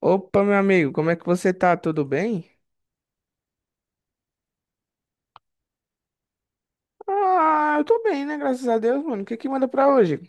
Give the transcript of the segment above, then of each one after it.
Opa, meu amigo, como é que você tá? Tudo bem? Ah, eu tô bem, né? Graças a Deus, mano. O que que manda pra hoje?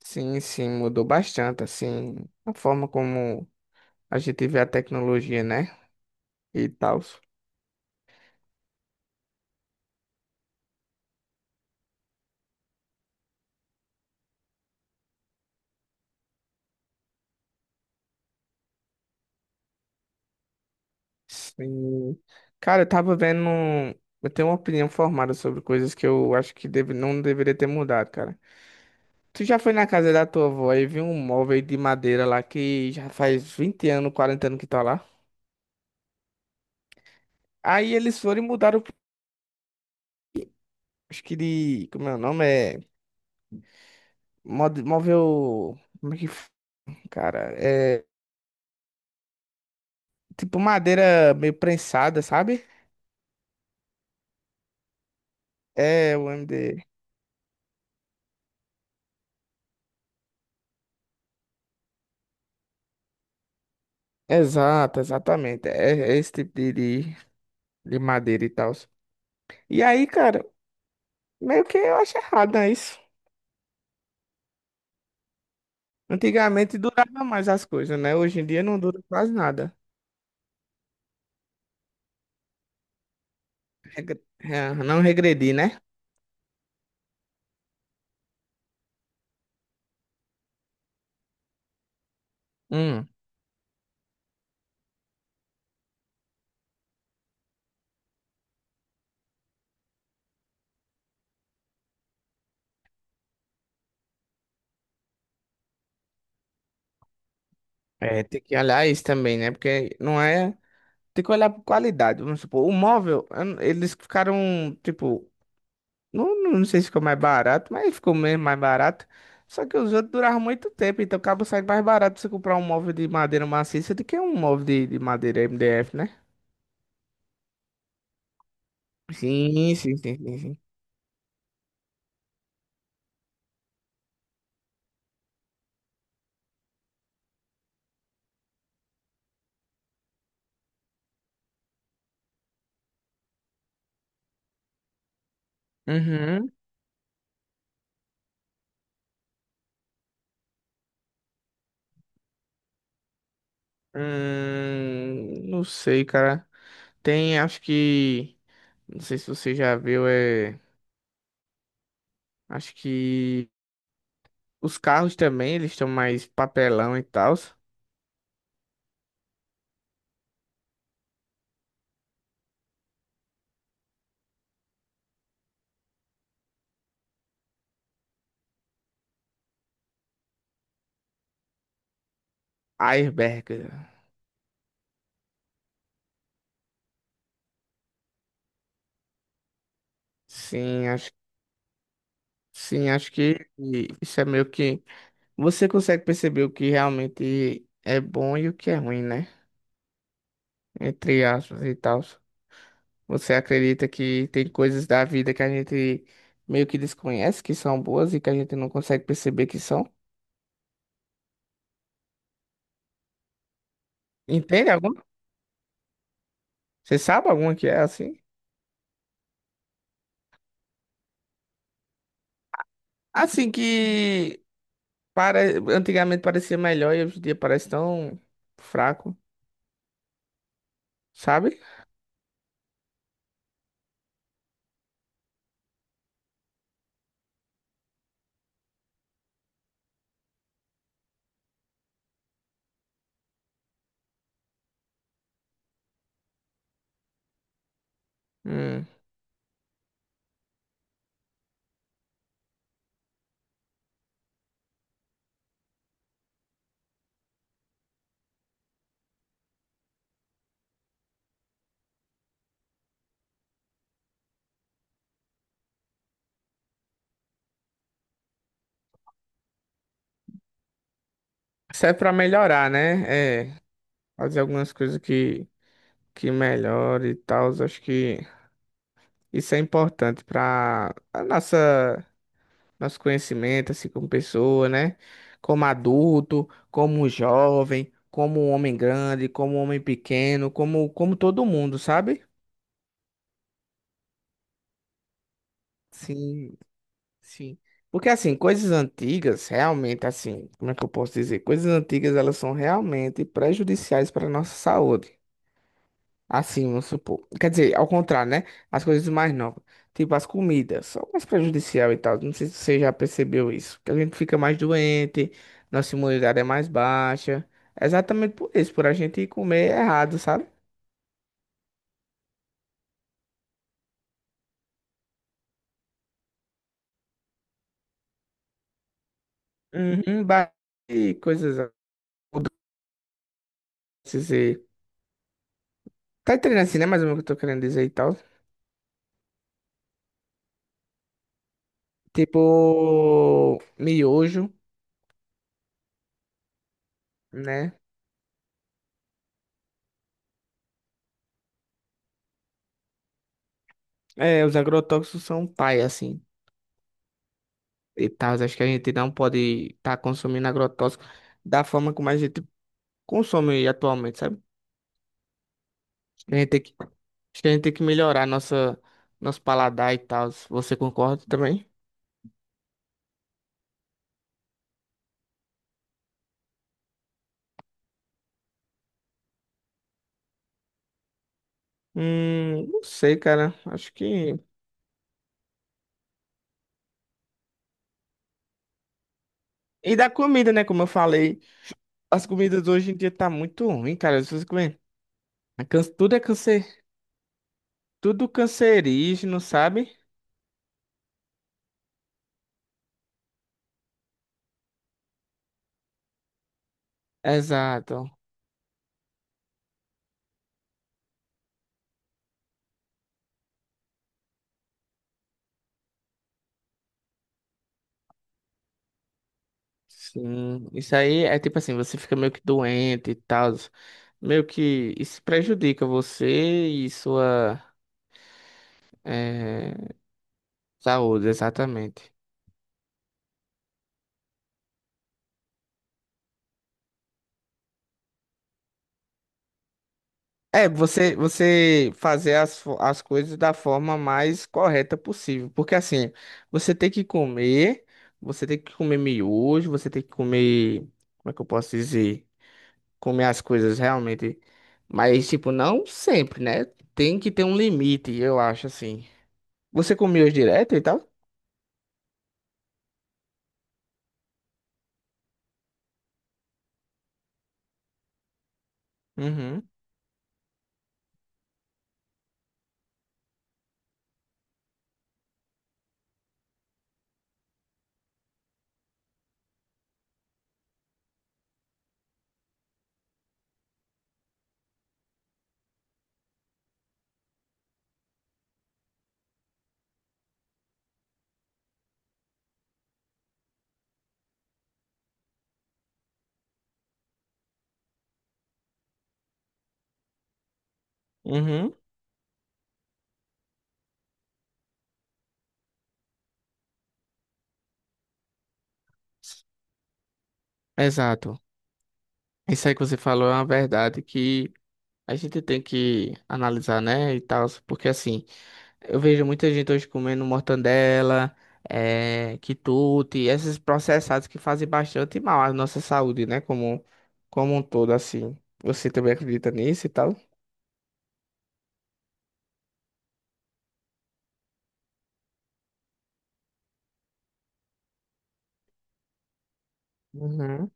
Sim, sim, mudou bastante, assim, a forma como a gente vê a tecnologia, né? E tal. Sim. Cara, eu tava vendo. Eu tenho uma opinião formada sobre coisas que eu acho que não deveria ter mudado, cara. Tu já foi na casa da tua avó e viu um móvel de madeira lá que já faz 20 anos, 40 anos que tá lá? Aí eles foram e mudaram. Acho que de. Como é o nome? Móvel. Como é que. Cara, é. Tipo madeira meio prensada, sabe? É, o MD. Exato, exatamente. É, é esse tipo de madeira e tal. E aí, cara, meio que eu acho errado, né? Isso. Antigamente durava mais as coisas, né? Hoje em dia não dura quase nada. É, não regredi, né? Hum. É, tem que olhar isso também, né? Porque não é. Tem que olhar por qualidade. Vamos supor, o móvel, eu não- eles ficaram, tipo, não, não sei se ficou mais barato, mas ficou mesmo mais barato. Só que os outros duravam muito tempo, então acaba saindo mais barato você comprar um móvel de madeira maciça do que um móvel de madeira MDF, né? Sim, sim, sim, sim, sim. Uhum. Não sei, cara. Tem, acho que. Não sei se você já viu. Acho que os carros também, eles estão mais papelão e tal. Airbag. Sim, acho, sim, acho que isso é meio que. Você consegue perceber o que realmente é bom e o que é ruim, né? Entre aspas e tal. Você acredita que tem coisas da vida que a gente meio que desconhece que são boas e que a gente não consegue perceber que são? Entende alguma? Você sabe alguma que é assim? Assim que para... antigamente parecia melhor e hoje em dia parece tão fraco, sabe? Hum. Serve pra melhorar, né? É, fazer algumas coisas que. Que melhore e tal. Acho que isso é importante para a nossa nosso conhecimento, assim, como pessoa, né? Como adulto, como jovem, como homem grande, como homem pequeno, como todo mundo, sabe? Sim, sim. Porque assim, coisas antigas, realmente assim, como é que eu posso dizer? Coisas antigas, elas são realmente prejudiciais para a nossa saúde. Assim, vamos supor. Quer dizer, ao contrário, né? As coisas mais novas. Tipo, as comidas são mais prejudicial e tal. Não sei se você já percebeu isso. Que a gente fica mais doente, nossa imunidade é mais baixa. É exatamente por isso, por a gente comer errado, sabe? Uhum, ba- e coisas. doces e- Tá entendendo assim, né? Mais ou menos o que eu tô querendo dizer e tal. Tipo, miojo, né? É, os agrotóxicos são pai, assim. E tal. Acho que a gente não pode estar consumindo agrotóxico da forma como a gente consome atualmente, sabe? Acho que a gente tem que melhorar nosso paladar e tal. Você concorda também? Não sei, cara. Acho que. E da comida, né? Como eu falei, as comidas hoje em dia tá muito ruim, cara. Se você comer. Tudo é cancer, tudo cancerígeno, sabe? Exato. Sim, isso aí é tipo assim, você fica meio que doente e tal, meio que isso prejudica você e sua eh, saúde, exatamente. É, você fazer as, as coisas da forma mais correta possível, porque assim, você tem que comer, você tem que comer miojo, você tem que comer, como é que eu posso dizer? Comer as coisas realmente, mas tipo, não sempre, né? Tem que ter um limite, eu acho assim. Você comia hoje direto e tal? Uhum, uhum. Exato. Isso aí que você falou é uma verdade que a gente tem que analisar, né? E tal, porque assim, eu vejo muita gente hoje comendo mortandela, é, quitute, esses processados que fazem bastante mal à nossa saúde, né? Como, como um todo, assim. Você também acredita nisso e tal? Uhum.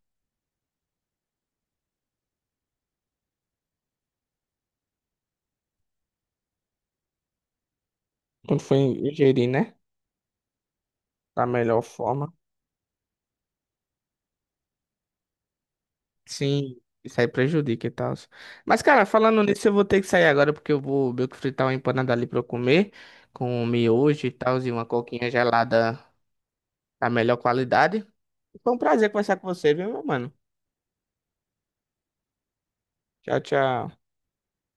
Quando foi ingerir, né? Da melhor forma. Sim, isso aí prejudica e tal. Mas, cara, falando nisso, eu vou ter que sair agora porque eu vou meio que fritar uma empanada ali pra eu comer, com um miojo e tal, e uma coquinha gelada da melhor qualidade. Foi um prazer conversar com você, viu, meu mano? Tchau, tchau.